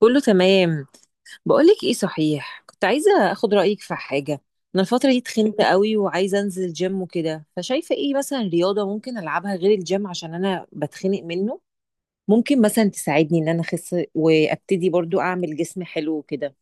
كله تمام. بقولك ايه صحيح، كنت عايزة اخد رأيك في حاجة. انا الفترة دي تخنت قوي وعايزة انزل جيم وكده، فشايفة ايه مثلا رياضة ممكن العبها غير الجيم عشان انا بتخنق منه؟ ممكن مثلا تساعدني ان انا اخس وابتدي برضو اعمل جسم حلو وكده؟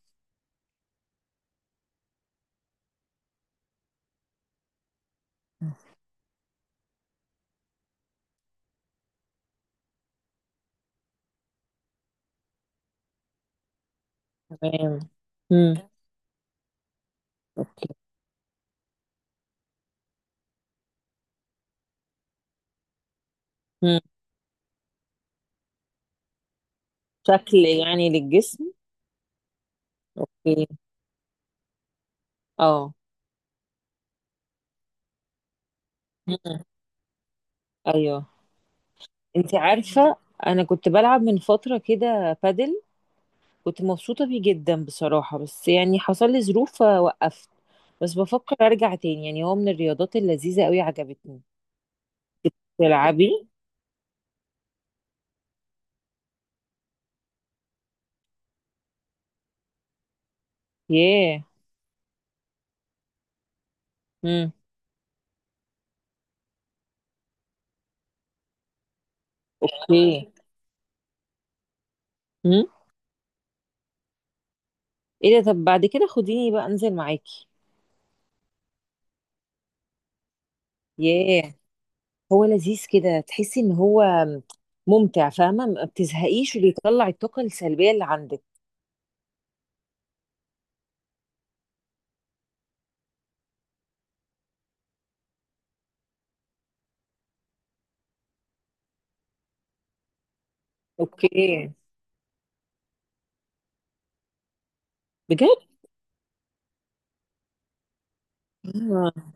تمام. امم. اوكي. امم. شكل يعني للجسم. اوكي. اه. مم. ايوه. انت عارفة، انا كنت بلعب من فترة كده بادل. كنت مبسوطة بيه جدا بصراحة، بس يعني حصل لي ظروف فوقفت. بس بفكر ارجع تاني، يعني هو من الرياضات اللذيذة قوي، عجبتني. تلعبي؟ ياه. امم. اوكي. امم. ايه ده؟ طب بعد كده خديني بقى انزل معاكي. ياه. هو لذيذ كده، تحسي ان هو ممتع، فاهمة؟ ما بتزهقيش وبيطلع الطاقة السلبية اللي عندك. اوكي. بجد؟ امم.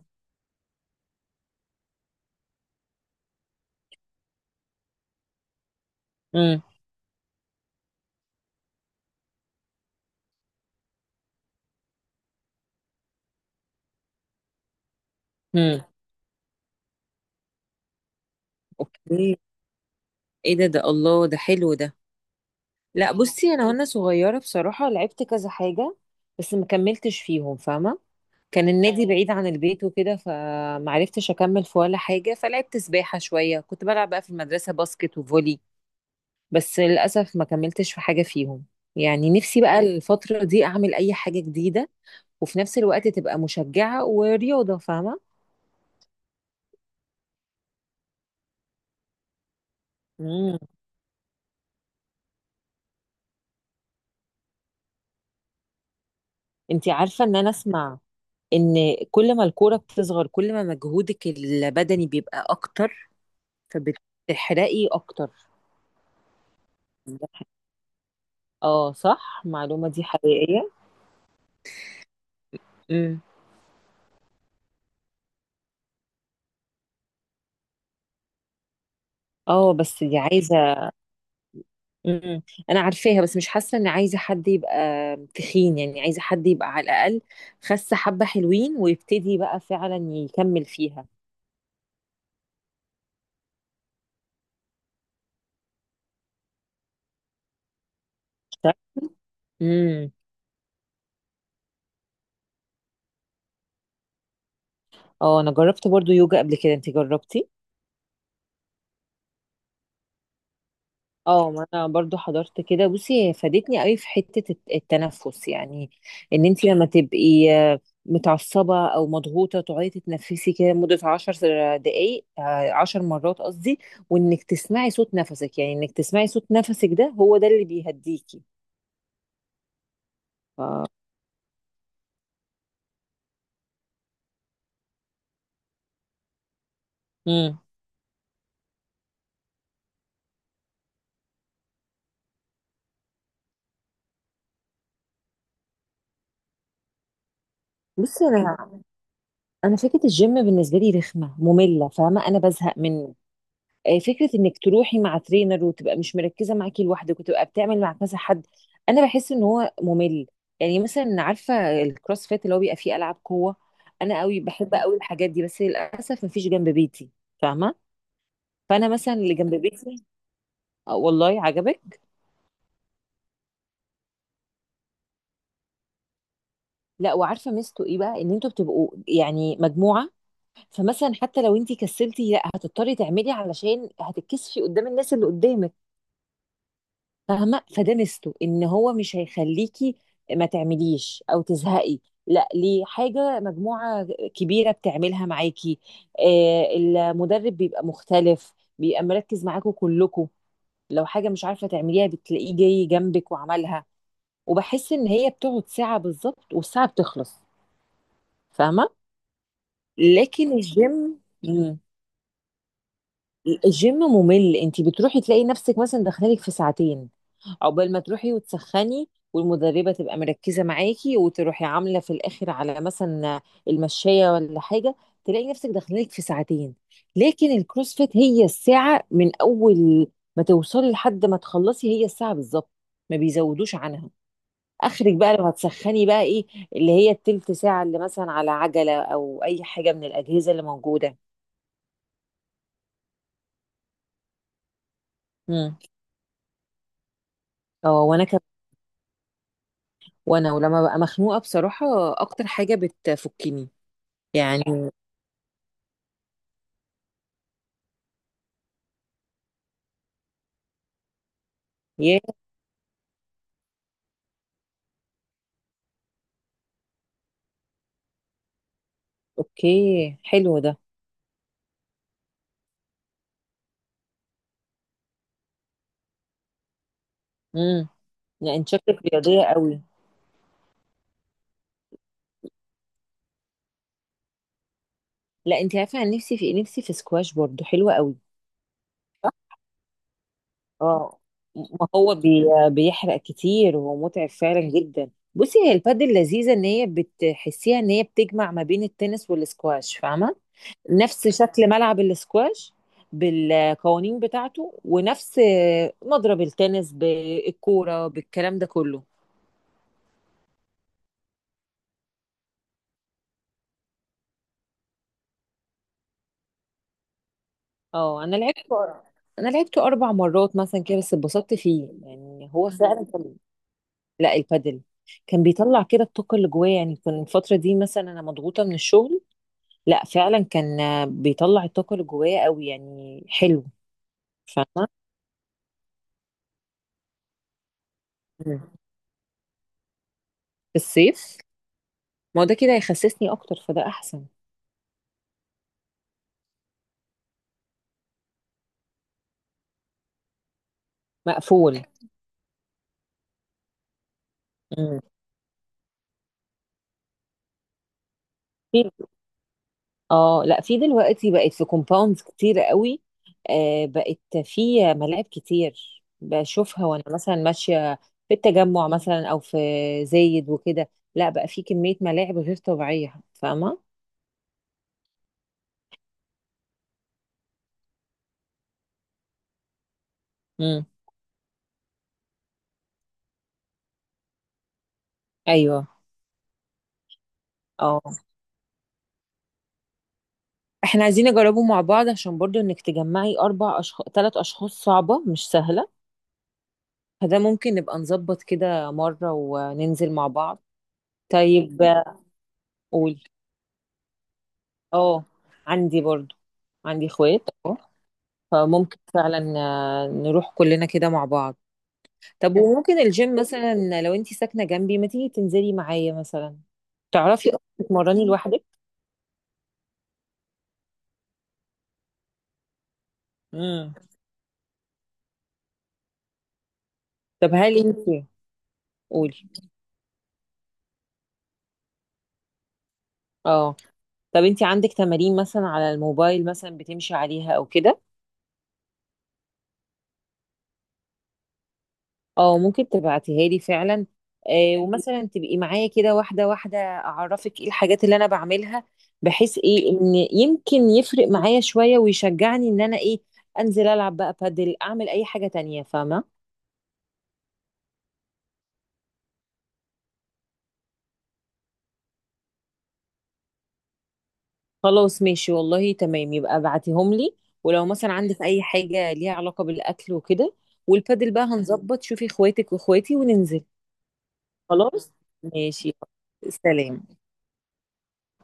امم. اوكي. ايه ده؟ ده الله، ده حلو ده. لا بصي، انا وانا صغيره بصراحه لعبت كذا حاجه، بس ما كملتش فيهم، فاهمه؟ كان النادي اه بعيد عن البيت وكده، فمعرفتش اكمل في ولا حاجه، فلعبت سباحه شويه، كنت بلعب بقى في المدرسه باسكت وفولي. بس للاسف ما كملتش في حاجه فيهم. يعني نفسي بقى الفتره دي اعمل اي حاجه جديده، وفي نفس الوقت تبقى مشجعه ورياضه، فاهمه؟ امم. انتي عارفه ان انا اسمع، ان كل ما الكوره بتصغر كل ما مجهودك البدني بيبقى اكتر، فبتحرقي اكتر. اه صح، المعلومة دي حقيقية. امم. اه بس دي عايزة. امم. انا عارفاها، بس مش حاسة ان عايزة حد يبقى تخين، يعني عايزة حد يبقى على الاقل خس حبة حلوين ويبتدي بقى فعلا يكمل فيها. امم. اه انا جربت برضو يوجا قبل كده، انت جربتي؟ اه ما انا برضو حضرت كده. بصي هي فادتني قوي في حتة التنفس يعني، ان انت لما تبقي متعصبة او مضغوطة تقعدي تتنفسي كده لمدة 10 دقايق، 10 مرات قصدي، وانك تسمعي صوت نفسك، يعني انك تسمعي صوت نفسك ده هو ده اللي بيهديكي. ف... مم. بصي انا فكرة الجيم بالنسبة لي رخمة مملة فاهمة، انا بزهق منه. فكره انك تروحي مع ترينر وتبقى مش مركزه معاكي لوحدك وتبقى بتعمل مع كذا حد، انا بحس ان هو ممل. يعني مثلا عارفه الكروس فيت اللي هو بيبقى فيه العاب قوه؟ انا قوي بحب قوي الحاجات دي، بس للاسف مفيش جنب بيتي، فاهمه؟ فانا مثلا اللي جنب بيتي. آه، والله عجبك؟ لا وعارفه ميزته ايه بقى؟ ان انتوا بتبقوا يعني مجموعه، فمثلا حتى لو انتي كسلتي لا هتضطري تعملي علشان هتتكسفي قدام الناس اللي قدامك، فاهمه؟ فده ميزته، ان هو مش هيخليكي ما تعمليش او تزهقي، لا ليه حاجه مجموعه كبيره بتعملها معاكي. آه المدرب بيبقى مختلف، بيبقى مركز معاكوا كلكوا، لو حاجه مش عارفه تعمليها بتلاقيه جاي جنبك وعملها، وبحس ان هي بتقعد ساعه بالظبط والساعه بتخلص، فاهمه؟ لكن الجيم، الجيم ممل. انت بتروحي تلاقي نفسك مثلا داخلالك في ساعتين، عقبال ما تروحي وتسخني والمدربة تبقى مركزة معاكي، وتروحي عاملة في الآخر على مثلا المشاية ولا حاجة، تلاقي نفسك داخلك في ساعتين. لكن الكروسفيت هي الساعة من أول ما توصلي لحد ما تخلصي، هي الساعة بالظبط ما بيزودوش عنها. آخرك بقى لو هتسخني بقى إيه؟ اللي هي التلت ساعة اللي مثلا على عجلة أو أي حاجة من الأجهزة اللي موجودة. مم. اه وأنا كمان، وأنا ولما ببقى مخنوقة بصراحة أكتر حاجة بتفكني يعني. اوكي حلو ده. امم. لا انت شكلك رياضيه قوي. لا انت عارفه، انا نفسي في إيه؟ نفسي في سكواش، برضو حلوه قوي. اه ما هو بيحرق كتير وهو متعب فعلا جدا. بصي هي البادل لذيذه، ان هي بتحسيها ان هي بتجمع ما بين التنس والسكواش، فاهمه؟ نفس شكل ملعب السكواش بالقوانين بتاعته، ونفس مضرب التنس بالكوره بالكلام ده كله. اه انا لعبته 4 مرات مثلا كده، بس اتبسطت فيه، يعني هو فعلا كان. لا البادل. كان بيطلع كده الطاقه اللي جوايا، يعني كان الفتره دي مثلا انا مضغوطه من الشغل، لا فعلا كان بيطلع الطاقه اللي جوايا قوي، يعني حلو. فاهمه؟ مم. في الصيف. ما هو ده كده هيخسسني اكتر، فده احسن. مقفول. مم. اه لا في دلوقتي بقت في كومباوندز كتير قوي، آه بقت في ملاعب كتير بشوفها وانا مثلا ماشيه، في التجمع مثلا او في زايد وكده. لا بقى في كميه ملاعب غير طبيعيه، فاهمه؟ امم. ايوه. اه. احنا عايزين نجربه مع بعض عشان برضو انك تجمعي 4 اشخاص 3 اشخاص صعبه مش سهله، فده ممكن نبقى نظبط كده مره وننزل مع بعض. طيب. قول. اه عندي برضو، عندي اخوات، فممكن فعلا نروح كلنا كده مع بعض. طب وممكن الجيم مثلا لو انتي ساكنة جنبي ما تيجي تنزلي معايا مثلا؟ تعرفي اصلا تتمرني لوحدك؟ امم. طب هل انتي؟ قولي. اه. طب انتي عندك تمارين مثلا على الموبايل مثلا بتمشي عليها او كده؟ اه ممكن تبعتيها لي فعلا. آه ومثلا تبقي معايا كده واحدة واحدة أعرفك ايه الحاجات اللي أنا بعملها، بحيث ايه إن يمكن يفرق معايا شوية ويشجعني إن أنا ايه، أنزل ألعب بقى بادل، أعمل أي حاجة تانية، فاهمة؟ خلاص ماشي والله تمام، يبقى ابعتيهم لي. ولو مثلا عندك أي حاجة ليها علاقة بالأكل وكده، والبادل بقى هنظبط شوفي اخواتك واخواتي وننزل. خلاص. ماشي. سلام.